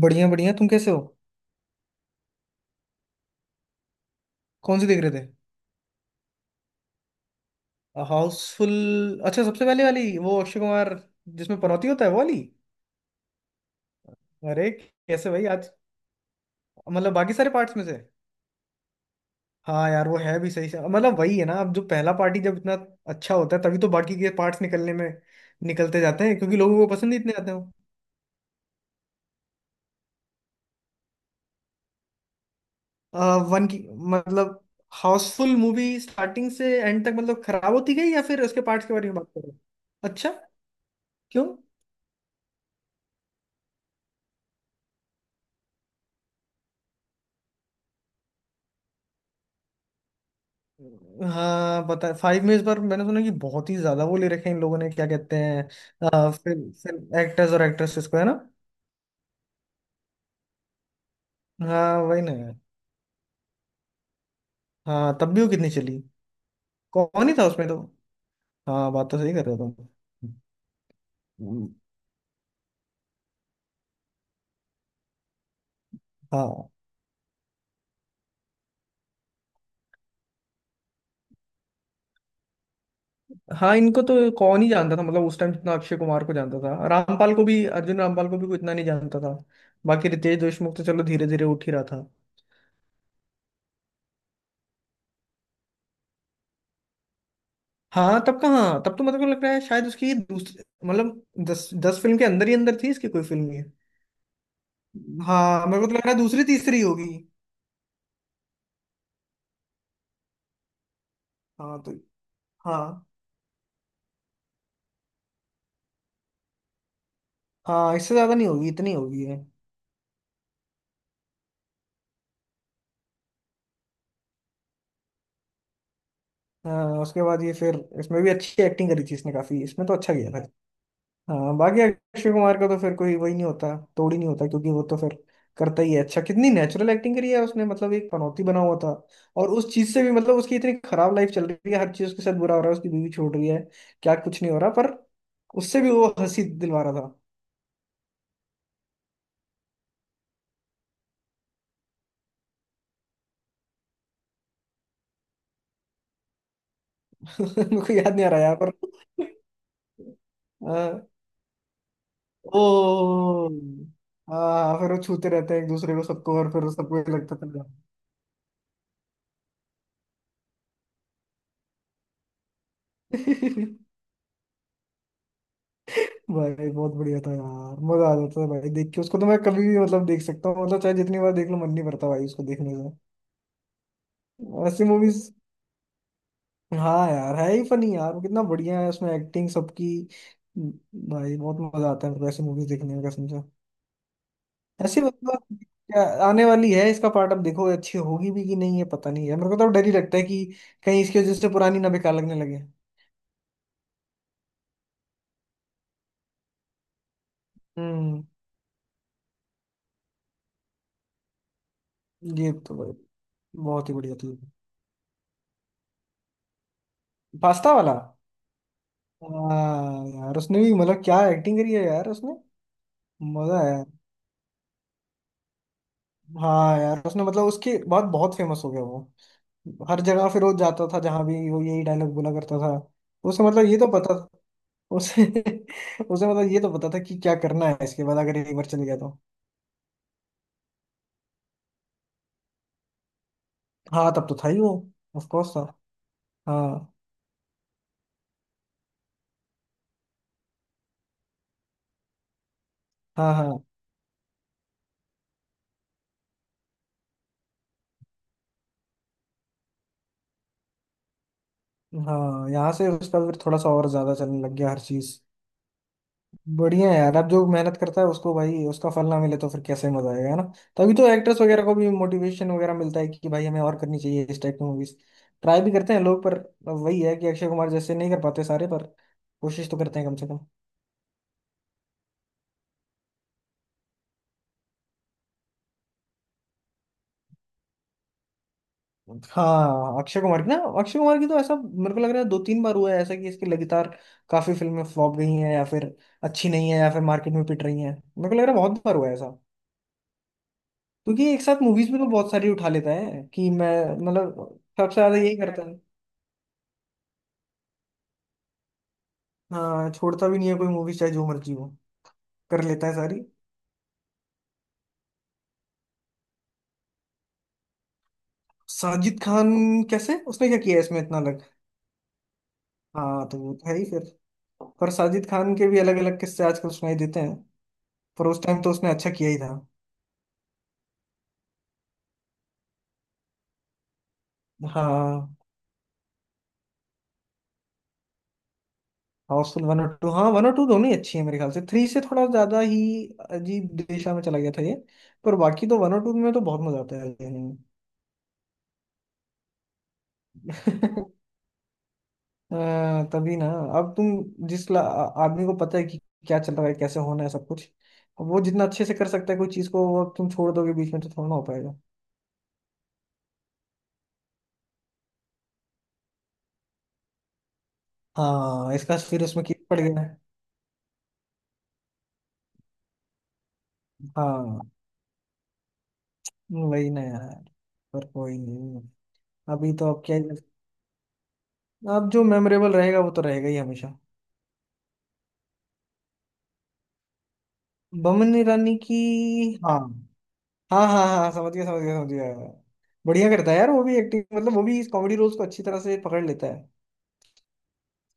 बढ़िया बढ़िया। तुम कैसे हो। कौन सी देख रहे थे। हाउसफुल। अच्छा सबसे पहले वाली, वो अक्षय कुमार जिसमें पनौती होता है, वो वाली। अरे कैसे भाई आज, बाकी सारे पार्ट्स में से। हाँ यार वो है भी सही से। वही है ना, अब जो पहला पार्टी जब इतना अच्छा होता है तभी तो बाकी के पार्ट्स निकलने में, निकलते जाते हैं क्योंकि लोगों को पसंद ही इतने आते हो। वन की, मतलब हाउसफुल मूवी स्टार्टिंग से एंड तक खराब होती गई, या फिर उसके पार्ट्स के बारे में बात करो। अच्छा, क्यों। हाँ बता, फाइव में इस बार मैंने सुना कि बहुत ही ज्यादा वो ले रखे हैं इन लोगों ने, क्या कहते हैं। फिल्म फिल्म एक्टर्स और एक्ट्रेसेस को, है ना। हाँ वही ना। हाँ तब भी वो कितनी चली। कौन ही था उसमें तो। हाँ बात तो सही कर रहे हो तुम। हाँ। हाँ इनको तो कौन ही जानता था, उस टाइम जितना अक्षय कुमार को जानता था, रामपाल को भी, अर्जुन रामपाल को भी कोई इतना नहीं जानता था। बाकी रितेश देशमुख तो चलो धीरे धीरे उठ ही रहा था। हाँ तब कहाँ, तब तो लगता है शायद उसकी दूसरी, मतलब दस दस फिल्म के अंदर ही अंदर थी इसकी कोई फिल्म। हाँ मेरे को तो लग रहा है दूसरी तीसरी होगी। हाँ तो। हाँ हाँ इससे ज्यादा नहीं होगी, इतनी होगी है। हाँ उसके बाद ये फिर इसमें भी अच्छी एक्टिंग करी थी इसने, काफी इसमें तो अच्छा किया था। हाँ बाकी अक्षय कुमार का तो फिर कोई वही नहीं होता, तोड़ ही नहीं होता क्योंकि वो तो फिर करता ही है अच्छा। कितनी नेचुरल एक्टिंग करी है उसने, एक पनौती बना हुआ था, और उस चीज से भी उसकी इतनी खराब लाइफ चल रही है, हर चीज उसके साथ बुरा हो रहा है, उसकी बीवी छोड़ रही है, क्या कुछ नहीं हो रहा, पर उससे भी वो हंसी दिलवा रहा था। मेरे को याद नहीं आ रहा यार पर। हाँ। ओ। हाँ फिर वो छूते रहते हैं एक दूसरे को, सबको, और फिर सबको ये लगता था यार। भाई बहुत बढ़िया था यार, मजा आ जाता था भाई देख के उसको। तो मैं कभी भी देख सकता हूँ, चाहे जितनी बार देख लो मन नहीं भरता भाई उसको देखने से, ऐसी मूवीज। हाँ यार है ही फनी यार, कितना बढ़िया है उसमें एक्टिंग सबकी। भाई बहुत मजा आता है मेरे को ऐसी मूवीज देखने में कसम से। ऐसी क्या आने वाली है इसका पार्ट अब, देखो अच्छी होगी भी कि नहीं है पता नहीं है। मेरे को तो अब डर ही लगता है कि कहीं इसकी वजह से पुरानी ना बेकार लगने लगे। हम्म। ये तो भाई बहुत ही बढ़िया थी। पास्ता वाला। हाँ यार उसने भी क्या एक्टिंग करी है यार उसने। मजा है। हाँ यार उसने उसके बाद बहुत फेमस हो गया वो। हर जगह फिर वो जाता था, जहां भी वो यही डायलॉग बोला करता था। उसे मतलब ये तो पता उसे उसे ये तो पता था कि क्या करना है इसके बाद, अगर एक बार चले गया तो। हाँ तब तो था ही वो, ऑफ कोर्स था। हाँ हाँ हाँ। हाँ यहाँ से उसका फिर थोड़ा सा और ज्यादा चलने लग गया हर चीज। बढ़िया है यार, अब जो मेहनत करता है उसको भाई उसका फल ना मिले तो फिर कैसे मजा आएगा, है ना। तभी तो एक्टर्स वगैरह को भी मोटिवेशन वगैरह मिलता है कि भाई हमें और करनी चाहिए इस टाइप की मूवीज। ट्राई भी करते हैं लोग, पर अब वही है कि अक्षय कुमार जैसे नहीं कर पाते सारे, पर कोशिश तो करते हैं कम से कम। हाँ अक्षय कुमार की ना, अक्षय कुमार की तो ऐसा मेरे को लग रहा है दो तीन बार हुआ है ऐसा कि इसकी लगातार काफी फिल्में फ्लॉप गई हैं, या फिर अच्छी नहीं है, या फिर मार्केट में पिट रही हैं। मेरे को लग रहा है बहुत बार हुआ है ऐसा, क्योंकि एक साथ मूवीज भी तो बहुत सारी उठा लेता है कि मैं, सबसे ज्यादा यही करता है। हाँ छोड़ता भी नहीं है कोई मूवी, चाहे जो मर्जी हो कर लेता है सारी। साजिद खान, कैसे उसने क्या किया है इसमें इतना अलग। हाँ तो वो तो है ही फिर, पर साजिद खान के भी अलग अलग किस्से आजकल सुनाई देते हैं। पर उस टाइम तो उसने अच्छा किया ही था। हाँ हाउसफुल वन और टू, हाँ वन और टू दोनों ही अच्छी है मेरे ख्याल से। थ्री से थोड़ा ज्यादा ही अजीब दिशा में चला गया था ये। पर बाकी तो वन और टू में तो बहुत मजा आता है देखने में। हाँ, तभी ना। अब तुम जिस आदमी को पता है कि क्या चल रहा है, कैसे होना है सब कुछ, अब वो जितना अच्छे से कर सकता है कोई चीज को, वो अब तुम छोड़ दोगे बीच में तो थोड़ा ना हो पाएगा। हाँ इसका फिर उसमें कीच पड़ गया है। हाँ वही ना यार, पर कोई नहीं। अभी तो अब क्या ही अब जो मेमोरेबल रहेगा वो तो रहेगा ही हमेशा। बमन ईरानी की। हाँ हाँ हाँ, हाँ समझ गया समझ गया समझ गया। बढ़िया करता है यार वो भी एक्टिंग, वो भी इस कॉमेडी रोल्स को अच्छी तरह से पकड़ लेता है।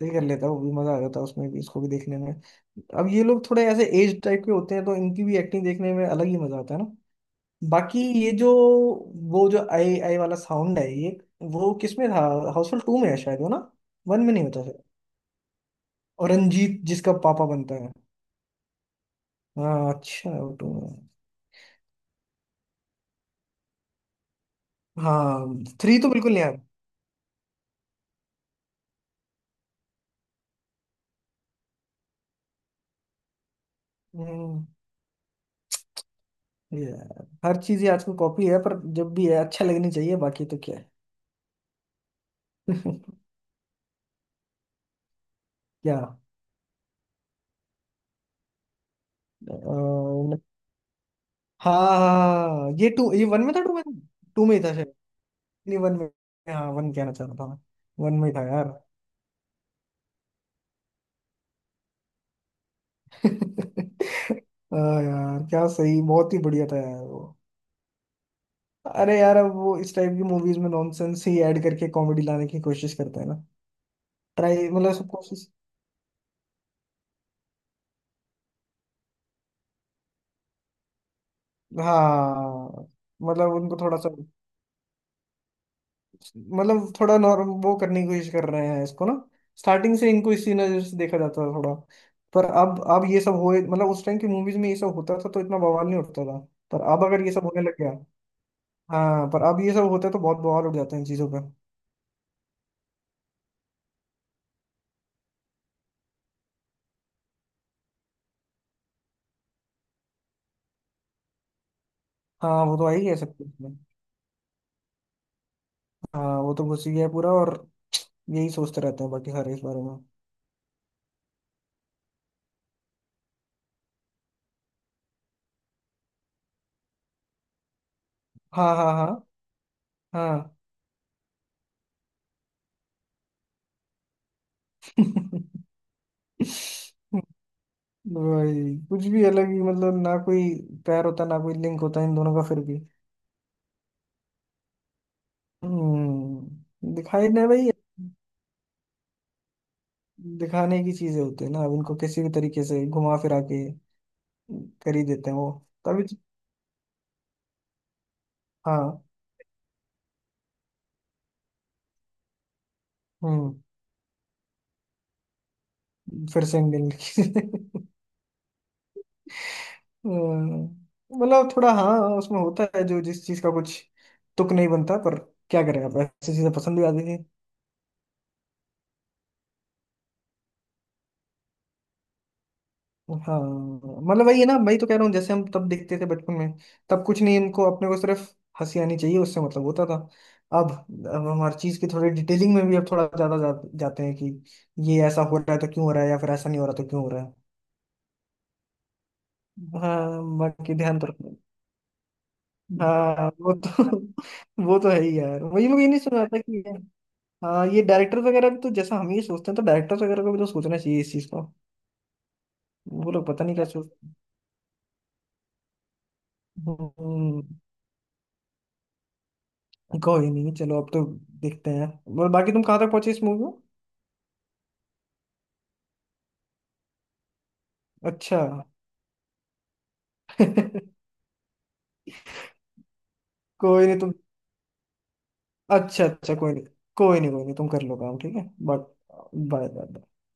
ये कर लेता, वो भी मजा आ जाता है उसमें भी, इसको भी देखने में। अब ये लोग थोड़े ऐसे एज टाइप के होते हैं, तो इनकी भी एक्टिंग देखने में अलग ही मजा आता है ना। बाकी ये जो, वो जो आई आई वाला साउंड है ये, वो किसमें था। हाउसफुल टू में है शायद वो ना, वन में नहीं होता शायद। और रंजीत जिसका पापा बनता है। हाँ अच्छा वो टू में। हाँ थ्री तो बिल्कुल नहीं आया। हम्म, ये हर चीज ही आजकल कॉपी है, पर जब भी है अच्छा लगनी चाहिए, बाकी तो क्या है। क्या, हाँ हाँ हाँ, हाँ, ये टू, ये वन में था, टू में था, टू में ही था शायद, नहीं वन में, हाँ वन कहना चाह रहा था मैं, वन में ही था यार। हाँ यार क्या सही, बहुत ही बढ़िया था यार वो। अरे यार अब वो इस टाइप की मूवीज में नॉनसेंस ही ऐड करके कॉमेडी लाने की कोशिश करते हैं ना। ट्राई सब कोशिश। हाँ उनको थोड़ा सा, थोड़ा नॉर्म वो करने की कोशिश कर रहे हैं इसको ना। स्टार्टिंग से इनको इसी नजर से देखा जाता था थोड़ा, पर अब ये सब हो, उस टाइम की मूवीज में ये सब होता था तो इतना बवाल नहीं उठता था, पर अब अगर ये सब होने लग गया। हाँ पर अब ये सब होता है तो बहुत बवाल उठ जाते हैं इन चीजों पे। हाँ वो तो आ ही गया सब कुछ में। हाँ वो तो घुस ही गया पूरा, और यही सोचते रहते हैं बाकी सारे इस बारे में। हाँ हाँ हाँ। हाँ भाई कुछ भी अलग ही ना कोई पैर होता, ना कोई लिंक होता इन दोनों का फिर भी। दिखाने भाई, दिखाने की चीजें होती है ना। अब इनको किसी भी तरीके से घुमा फिरा के कर ही देते हैं वो। तभी तो- हाँ। हम्म फिर से मिल। थोड़ा हाँ उसमें होता है जो, जिस चीज का कुछ तुक नहीं बनता, पर क्या करें, अब ऐसी चीजें पसंद भी आती। हाँ वही है ना, वही तो कह रहा हूँ। जैसे हम तब देखते थे बचपन में, तब कुछ नहीं, इनको अपने को सिर्फ हंसी आनी चाहिए, उससे मतलब होता था। अब अब हम हर चीज की थोड़ी डिटेलिंग में भी अब थोड़ा ज्यादा जाते हैं कि ये ऐसा हो रहा है तो क्यों हो रहा है, या फिर ऐसा नहीं हो रहा तो क्यों हो रहा है। हाँ बाकी ध्यान तो रखना। हाँ वो तो वो तो है ही यार। वही मैं, ये नहीं सुना था कि। हाँ ये डायरेक्टर वगैरह भी तो, जैसा हम ये सोचते हैं, तो डायरेक्टर वगैरह को भी तो सोचना चाहिए इस चीज को। वो लोग पता नहीं क्या सोचते हैं। हम्म, कोई नहीं चलो, अब तो देखते हैं। और बाकी तुम कहाँ तक पहुंचे इस मूवी में। अच्छा। कोई नहीं तुम, अच्छा अच्छा कोई नहीं। कोई नहीं कोई नहीं तुम कर लो काम, ठीक है। But, bye bye.